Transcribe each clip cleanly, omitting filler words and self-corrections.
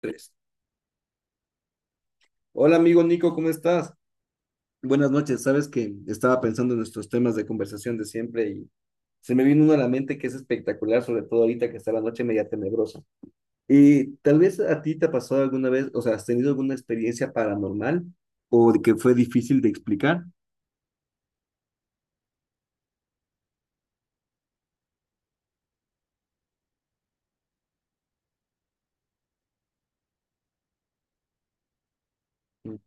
Tres. Hola amigo Nico, ¿cómo estás? Buenas noches. Sabes que estaba pensando en nuestros temas de conversación de siempre y se me vino uno a la mente que es espectacular, sobre todo ahorita que está la noche media tenebrosa. Y tal vez a ti te ha pasado alguna vez, o sea, ¿has tenido alguna experiencia paranormal o de que fue difícil de explicar? Mm.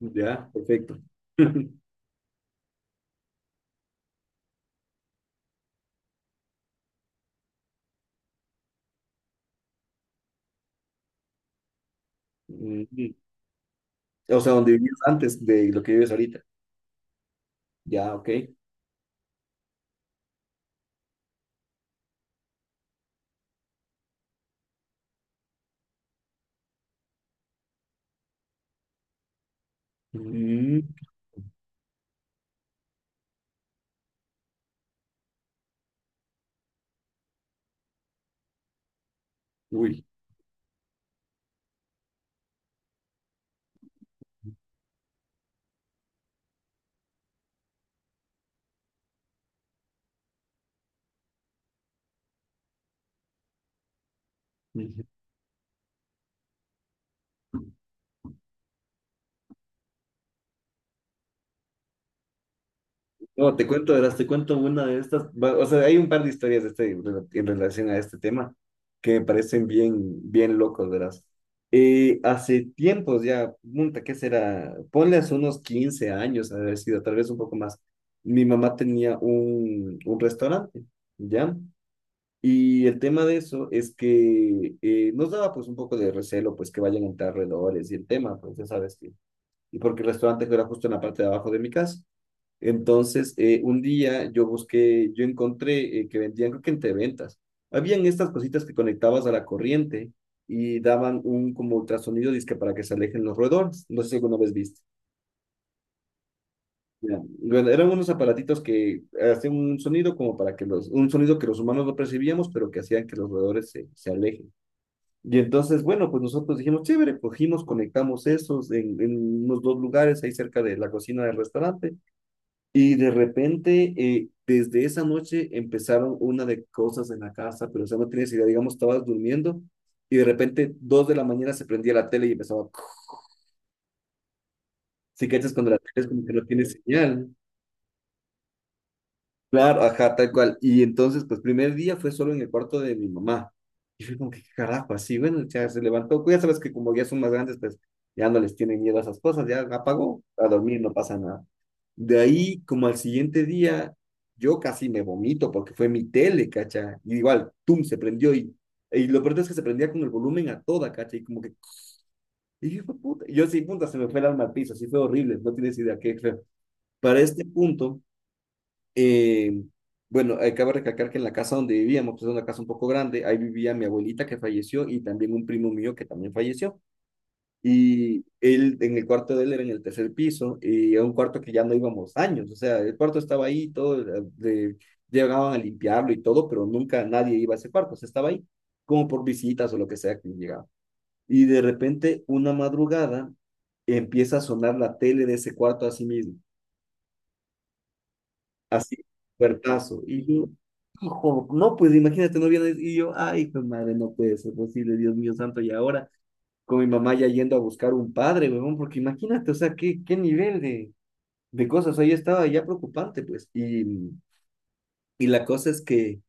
Ya, perfecto. Mm. O sea, ¿donde vivías antes de lo que vives ahorita? Ya, ok. Mm. Uy. Mm. No, te cuento, verás, te cuento una de estas. O sea, hay un par de historias de este, en relación a este tema que me parecen bien, bien locos, verás. Hace tiempos ya, punta, ¿qué será? Ponle hace unos 15 años, ha de haber sido, tal vez un poco más. Mi mamá tenía un restaurante, ¿ya? Y el tema de eso es que nos daba pues un poco de recelo, pues que vayan a entrar alrededores y el tema, pues ya sabes que, y porque el restaurante era justo en la parte de abajo de mi casa. Entonces, un día yo busqué, yo encontré que vendían, creo que entre ventas, habían estas cositas que conectabas a la corriente y daban un como ultrasonido, dizque para que se alejen los roedores. No sé si alguna vez viste. Ya. Bueno, eran unos aparatitos que hacían un sonido como para que los, un sonido que los humanos no percibíamos, pero que hacían que los roedores se, se alejen. Y entonces, bueno, pues nosotros dijimos, chévere, cogimos, conectamos esos en unos dos lugares ahí cerca de la cocina del restaurante. Y de repente, desde esa noche empezaron una de cosas en la casa, pero o sea, no tienes idea, digamos, estabas durmiendo y de repente, dos de la mañana se prendía la tele y empezaba, si cachas cuando la tele es como que no tiene señal. Claro, ajá, tal cual. Y entonces, pues, primer día fue solo en el cuarto de mi mamá. Y fue como que, ¿qué carajo?, así, bueno, ya se levantó. Pues, ya sabes que como ya son más grandes, pues, ya no les tienen miedo a esas cosas, ya apagó, a dormir, no pasa nada. De ahí, como al siguiente día, yo casi me vomito porque fue mi tele, cacha. Y igual, tum, se prendió y lo peor es que se prendía con el volumen a toda, cacha. Y como que, y yo, puta, y yo sí, puta, se me fue el alma al piso, así fue horrible, no tienes idea qué feo. Para este punto, eh, bueno, cabe recalcar que en la casa donde vivíamos, pues es una casa un poco grande, ahí vivía mi abuelita que falleció y también un primo mío que también falleció. Y él, en el cuarto de él era en el tercer piso y era un cuarto que ya no íbamos años, o sea, el cuarto estaba ahí, todo, llegaban a limpiarlo y todo, pero nunca nadie iba a ese cuarto, o sea, estaba ahí como por visitas o lo que sea que llegaba. Y de repente, una madrugada, empieza a sonar la tele de ese cuarto a sí mismo, así, puertazo. Y yo, ojo, no, pues imagínate, no viene y yo, ay, hijo de madre, no puede ser posible, Dios mío santo, y ahora con mi mamá ya yendo a buscar un padre, huevón, porque imagínate, o sea, qué, qué nivel de cosas, ahí estaba ya preocupante, pues, y la cosa es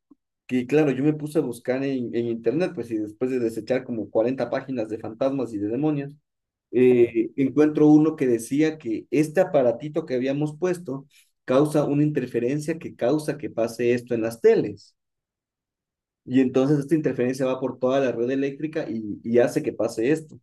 que, claro, yo me puse a buscar en internet, pues, y después de desechar como 40 páginas de fantasmas y de demonios, encuentro uno que decía que este aparatito que habíamos puesto causa una interferencia que causa que pase esto en las teles. Y entonces esta interferencia va por toda la red eléctrica y hace que pase esto.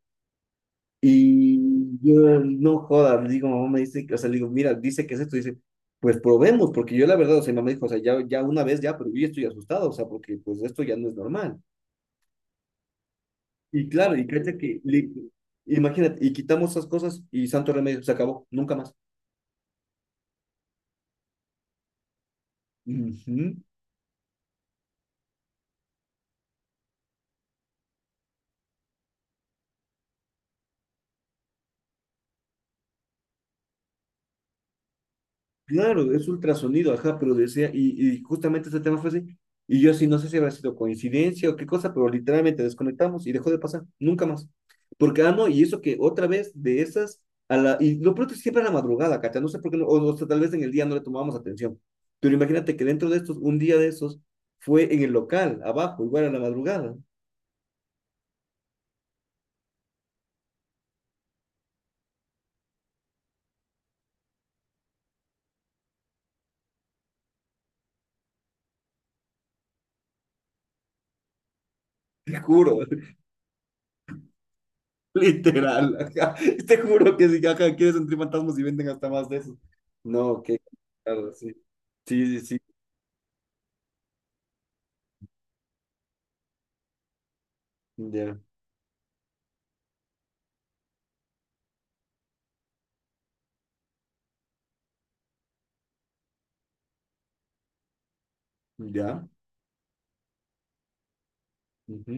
Y yo, no jodas, digo, mamá me dice, o sea, le digo, mira, dice que es esto, dice, pues probemos, porque yo la verdad, o sea, mi mamá dijo, o sea, ya, ya una vez ya, pero yo ya estoy asustado, o sea, porque pues esto ya no es normal. Y claro, y cacha que, imagínate, y quitamos esas cosas y santo remedio, se acabó, nunca más. Ujú. Claro, es ultrasonido, ajá, pero decía, y justamente ese tema fue así. Y yo sí, no sé si habrá sido coincidencia o qué cosa, pero literalmente desconectamos y dejó de pasar, nunca más. Porque, ah, no, y eso que otra vez de esas, a la, y lo pronto es siempre a la madrugada, cacha, no sé por qué, o sea, tal vez en el día no le tomábamos atención. Pero imagínate que dentro de estos, un día de esos, fue en el local, abajo, igual a la madrugada. te juro, literal, ajá. Te juro que si, ajá, quieres entre fantasmas y venden hasta más de esos. No, qué, claro, sí. Sí, sí, sí. Ya, ya, ujú,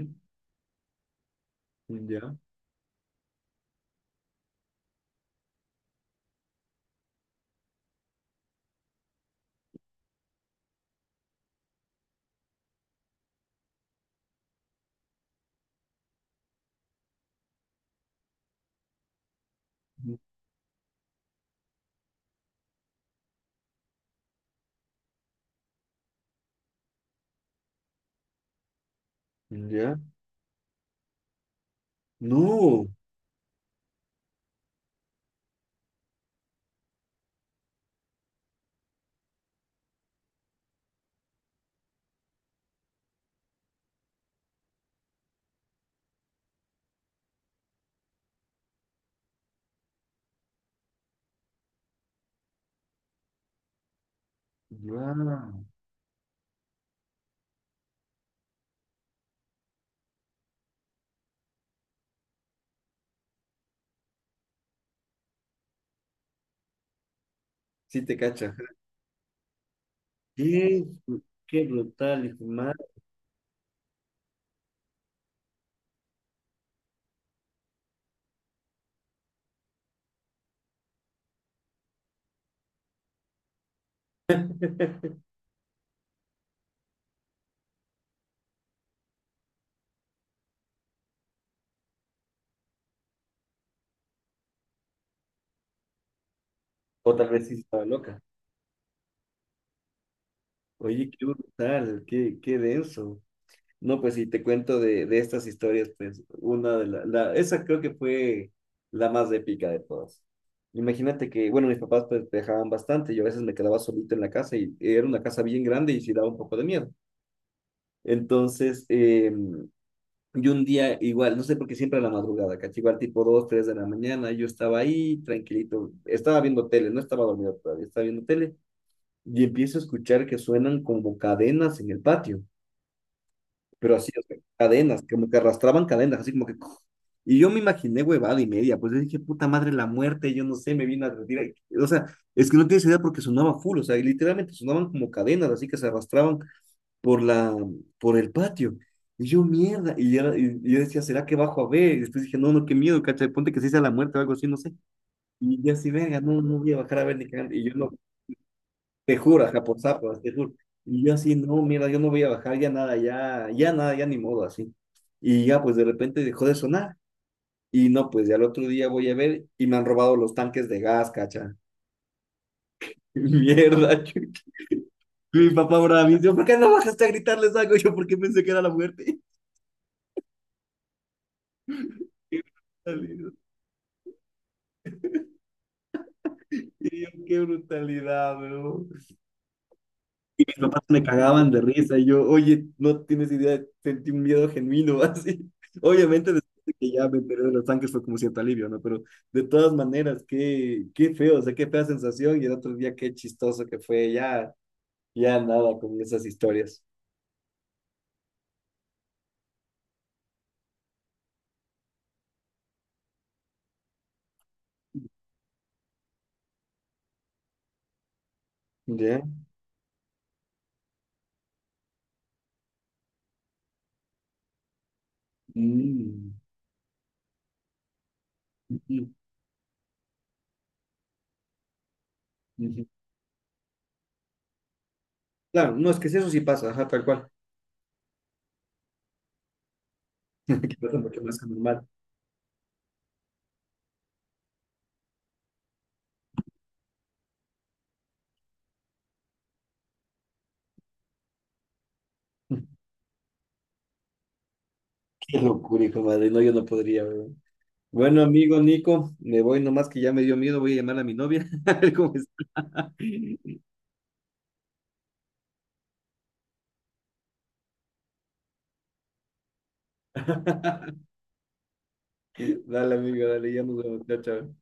ya, ya. No, wow. Sí te cacha. Qué, qué brutal, hijo de madre. O tal vez sí estaba loca. Oye, qué brutal, qué, qué denso. No, pues si te cuento de estas historias, pues una de las, esa creo que fue la más épica de todas. Imagínate que, bueno, mis papás pues viajaban bastante, yo a veces me quedaba solito en la casa y era una casa bien grande y sí daba un poco de miedo. Entonces, y un día igual, no sé por qué siempre a la madrugada, caché, igual tipo 2 3 de la mañana, yo estaba ahí tranquilito, estaba viendo tele, no estaba dormido todavía, estaba viendo tele y empiezo a escuchar que suenan como cadenas en el patio, pero así, o sea, cadenas, como que arrastraban cadenas, así como que... Y yo me imaginé huevada y media, pues yo dije, puta madre, la muerte, yo no sé, me vino a retirar. O sea, es que no tienes idea porque sonaba full, o sea, y literalmente sonaban como cadenas, así que se arrastraban por la, por el patio. Y yo, mierda, y yo decía, ¿será que bajo a ver? Y después dije, no, no, qué miedo, cacha ponte que se hizo la muerte o algo así, no sé. Y yo así, venga, no, no voy a bajar a ver ni cagando. Y yo no, te juro, ajá, por zapas, te juro. Y yo así, no, mierda, yo no voy a bajar, ya nada, ya ni modo, así. Y ya, pues de repente dejó de sonar. Y no, pues ya al otro día voy a ver y me han robado los tanques de gas, cacha. Mierda, chuta. Mi papá ahora me dice, ¿por qué no bajaste a gritarles algo? Yo porque pensé que era la muerte. Qué brutalidad, tío, qué brutalidad, weón. Mis papás me cagaban de risa. Y yo, oye, no tienes idea, sentí un miedo genuino, así. Obviamente, después de que ya me enteré de los tanques fue como cierto alivio, ¿no? Pero de todas maneras, qué, qué feo, o sea, qué fea sensación. Y el otro día, qué chistoso que fue. Ya, ya nada con esas historias. ¿Ya? Mm, ujú, ujú. Claro, no, es que si eso sí pasa, ajá, tal cual. Que pasa mucho más que normal. Qué locura, hijo de madre. No, yo no podría. Bueno, amigo Nico, me voy nomás que ya me dio miedo, voy a llamar a mi novia, a ver cómo está. Dale, amigo, dale, ya nos vemos. Chao, chao.